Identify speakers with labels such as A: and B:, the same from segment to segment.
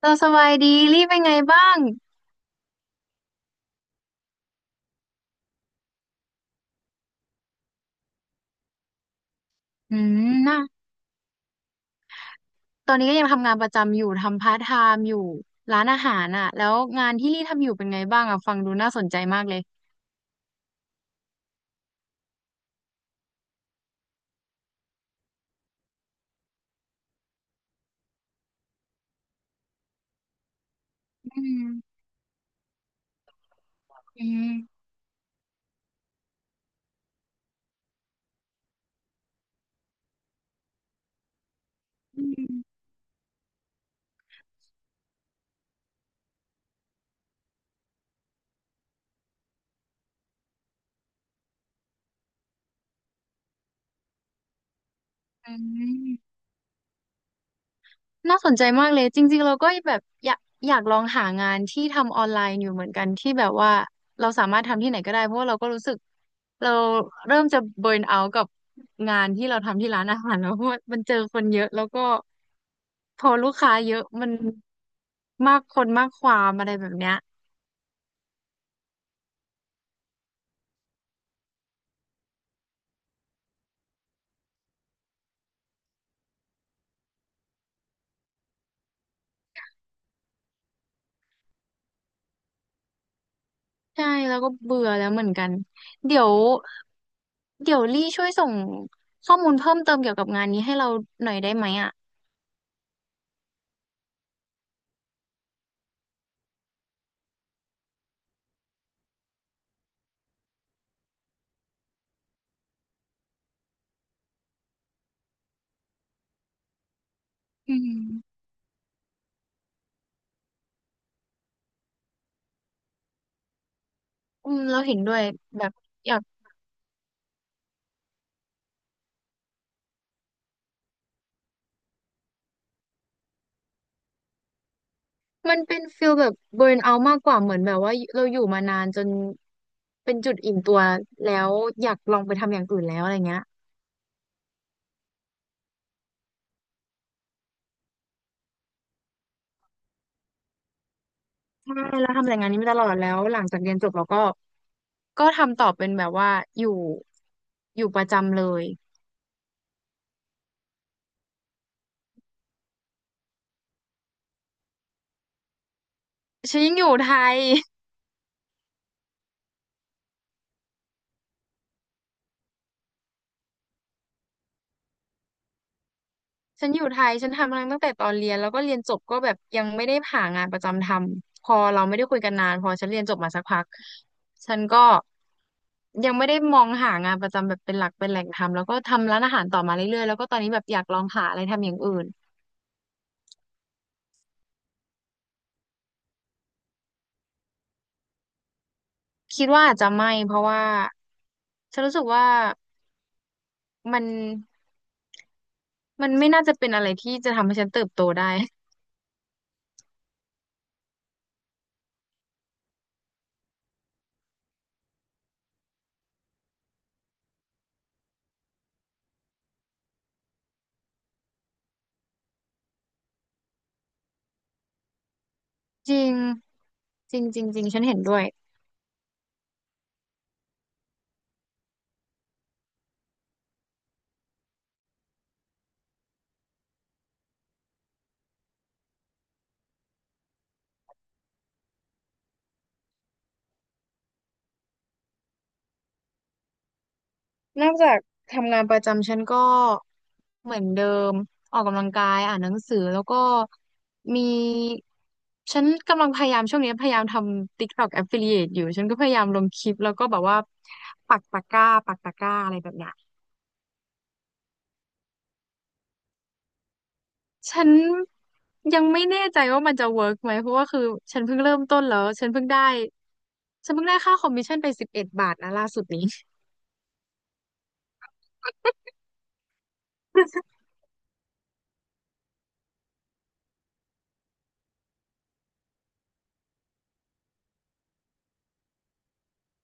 A: เราสบายดีรีบเป็นไงบ้างอืมน่ะตอนนี้ก็ยังทำงานประจำอยู่ทำพาร์ทไทม์อยู่ร้านอาหารอ่ะแล้วงานที่รีทำอยู่เป็นไงบ้างอ่ะฟังดูน่าสนใจมากเลยอืมอืมอืมอืม น่าสนใจมากเลยจริงๆเราก็แบบอยากลองหางานที่ทำออนไลน์อยู่เหมือนกันที่แบบว่าเราสามารถทำที่ไหนก็ได้เพราะว่าเราก็รู้สึกเราเริ่มจะเบิร์นเอาท์กับงานที่เราทำที่ร้านอาหารแล้วเพราะว่ามันเจอคนเยอะแล้วก็พอลูกค้าเยอะมันมากคนมากความอะไรแบบเนี้ยใช่แล้วก็เบื่อแล้วเหมือนกันเดี๋ยวเดี๋ยวลี่ช่วยส่งข้อมูลเพิ่มเติมเกี่ยวกับงานนี้ให้เราหน่อยได้ไหมอ่ะอืม อืมเราเห็นด้วยแบบอยากมันเป็นฟิลแบบเบิร์นเอามากกว่าเหมือนแบบว่าเราอยู่มานานจนเป็นจุดอิ่มตัวแล้วอยากลองไปทำอย่างอื่นแล้วอะไรเงี้ยใช่แล้วทำแต่งานนี้มาตลอดแล้วหลังจากเรียนจบเราก็ทำต่อเป็นแบบว่าอยู่อยู่ประจำเลยฉันยังอยู่ไทย ฉันอยู่ไทย ฉันทำมาตั้งแต่ตอนเรียนแล้วก็เรียนจบก็แบบยังไม่ได้หางานประจำทำ พอเราไม่ได้คุยกันนานพอฉันเรียนจบมาสักพักฉันก็ยังไม่ได้มองหางานประจำแบบเป็นหลักเป็นแหล่งทำแล้วก็ทำร้านอาหารต่อมาเรื่อยๆแล้วก็ตอนนี้แบบอยากลองหาอะไรทำอย่างอื่นคิดว่าอาจจะไม่ เพราะว่าฉันรู้สึกว่ามันมันไม่น่าจะเป็นอะไรที่จะทำให้ฉันเติบโตได้ จริงจริงจริงจริงฉันเห็นด้วย นอกจากทำงานประจำฉันก็เหมือนเดิมออกกำลังกายอ่านหนังสือแล้วก็มีฉันกำลังพยายามช่วงนี้พยายามทำ TikTok Affiliate อยู่ฉันก็พยายามลงคลิปแล้วก็แบบว่าปักตะกร้าอะไรแบบเนี้ยฉันยังไม่แน่ใจว่ามันจะเวิร์กไหมเพราะว่าคือฉันเพิ่งเริ่มต้นแล้วฉันเพิ่งได้ค่าคอมมิชชั่นไป11 บาทนะล่าสุดนี้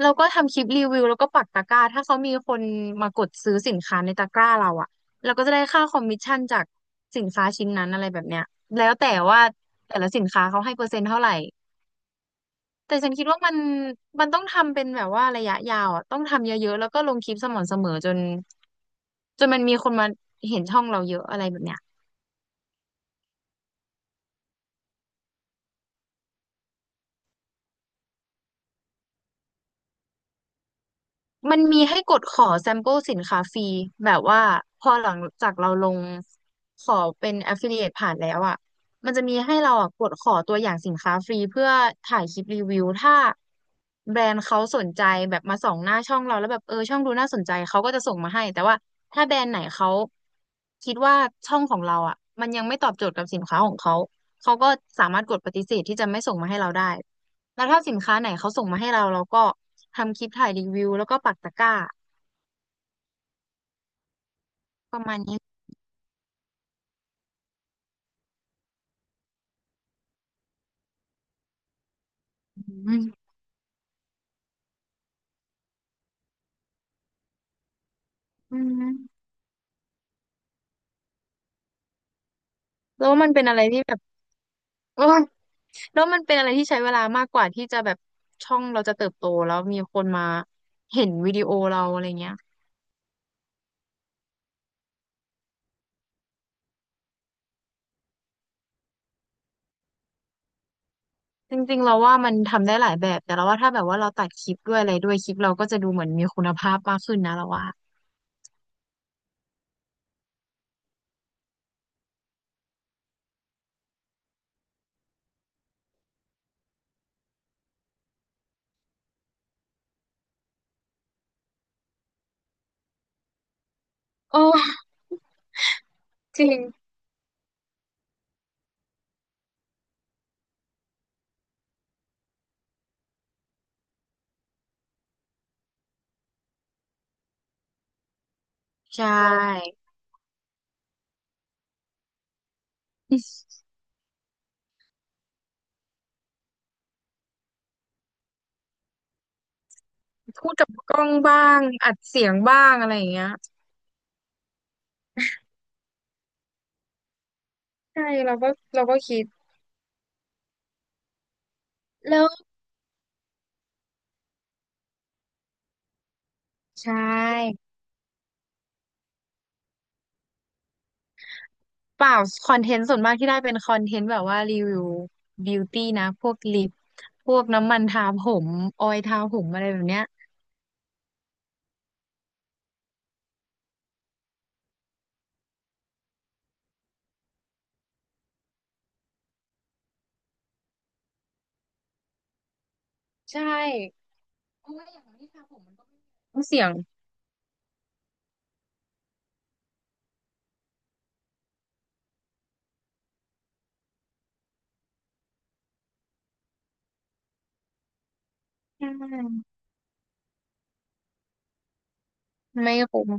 A: แล้วก็ทำคลิปรีวิวแล้วก็ปักตะกร้าถ้าเขามีคนมากดซื้อสินค้าในตะกร้าเราอะเราก็จะได้ค่าคอมมิชชั่นจากสินค้าชิ้นนั้นอะไรแบบเนี้ยแล้วแต่ว่าแต่ละสินค้าเขาให้เปอร์เซ็นต์เท่าไหร่แต่ฉันคิดว่ามันต้องทำเป็นแบบว่าระยะยาวอะต้องทำเยอะๆแล้วก็ลงคลิปสม่ำเสมอจนมันมีคนมาเห็นช่องเราเยอะอะไรแบบเนี้ย มันมีให้กดขอแซมเปิลสินค้าฟรีแบบว่าพอหลังจากเราลงขอเป็น affiliate ผ่านแล้วอ่ะมันจะมีให้เราอ่ะกดขอตัวอย่างสินค้าฟรีเพื่อถ่ายคลิปรีวิวถ้าแบรนด์เขาสนใจแบบมาส่องหน้าช่องเราแล้วแบบเออช่องดูน่าสนใจเขาก็จะส่งมาให้แต่ว่าถ้าแบรนด์ไหนเขาคิดว่าช่องของเราอ่ะมันยังไม่ตอบโจทย์กับสินค้าของเขาเขาก็สามารถกดปฏิเสธที่จะไม่ส่งมาให้เราได้แล้วถ้าสินค้าไหนเขาส่งมาให้เราเราก็ ทำคลิปถ่ายรีวิวแล้วก็ปักตะกร้าประมาณนี้อืมอืมแล้วมันเป็นอะไรที่แบบ โอ้ยแล้วมันเป็นอะไรที่ใช้เวลามากกว่าที่จะแบบช่องเราจะเติบโตแล้วมีคนมาเห็นวิดีโอเราอะไรเงี้ยจริงๆเราว่ามันทำได้หลายแบบแต่เราว่าถ้าแบบว่าเราตัดคลิปด้วยอะไรด้วยคลิปเราก็จะดูเหมือนมีคุณภาพมากขึ้นนะเราว่าโอ้จริงใช่ พูดกับกล้องบ้างอัดเสียงบ้างอะไรอย่างเงี้ยใช่เราก็คิดแล้วใช่ เปล่าคอนเทนต์ส่วนมากที่ได้เป็นคอนเทนต์แบบว่ารีวิวบิวตี้นะพวกลิปพวกน้ำมันทาผมออยล์ทาผมอะไรแบบเนี้ยใช่เพราะว่าอย่างที่ทาผมมันก็ไม่เสี่ยงใช่ไม่คุ้ม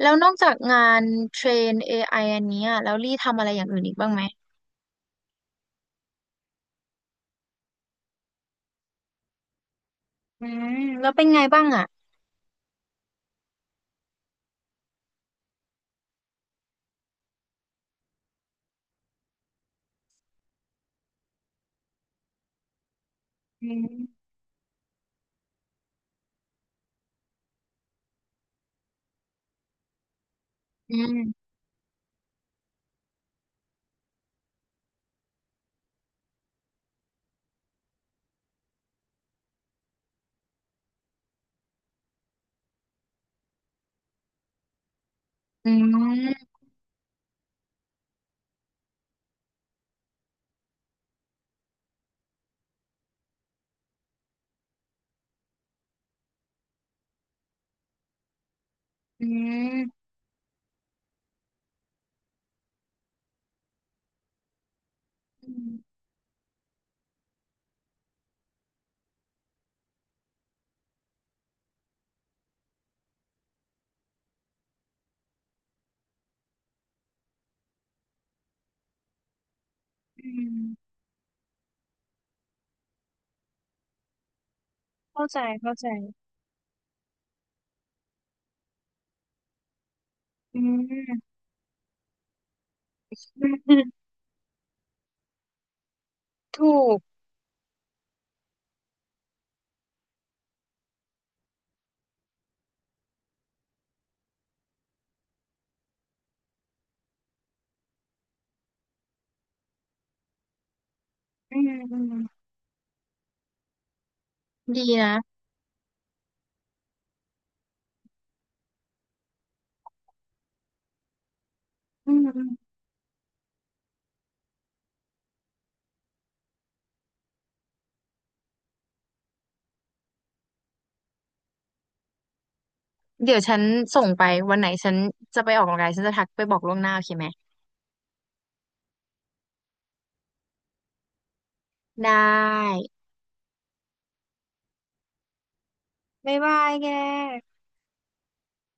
A: แล้วนอกจากงานเทรน AI อไออันเนี้ยแล้วลี่ทำอะไรอย่างอื่นอีกบ้างไหมอืมแล้วเป็นไงบ้างอ่ะอืมอืมอืมอืมอืมอืมเข้าใจเข้าใจอืมอืมถูกอืมอืม ดีนะอืมเดี๋ยวฉันส่งไปวันไหนฉันจะไปออกกำลังกายฉันจะทักไปบอกล่วงหน้าโอเคไหม ได้บ๊ายบายแก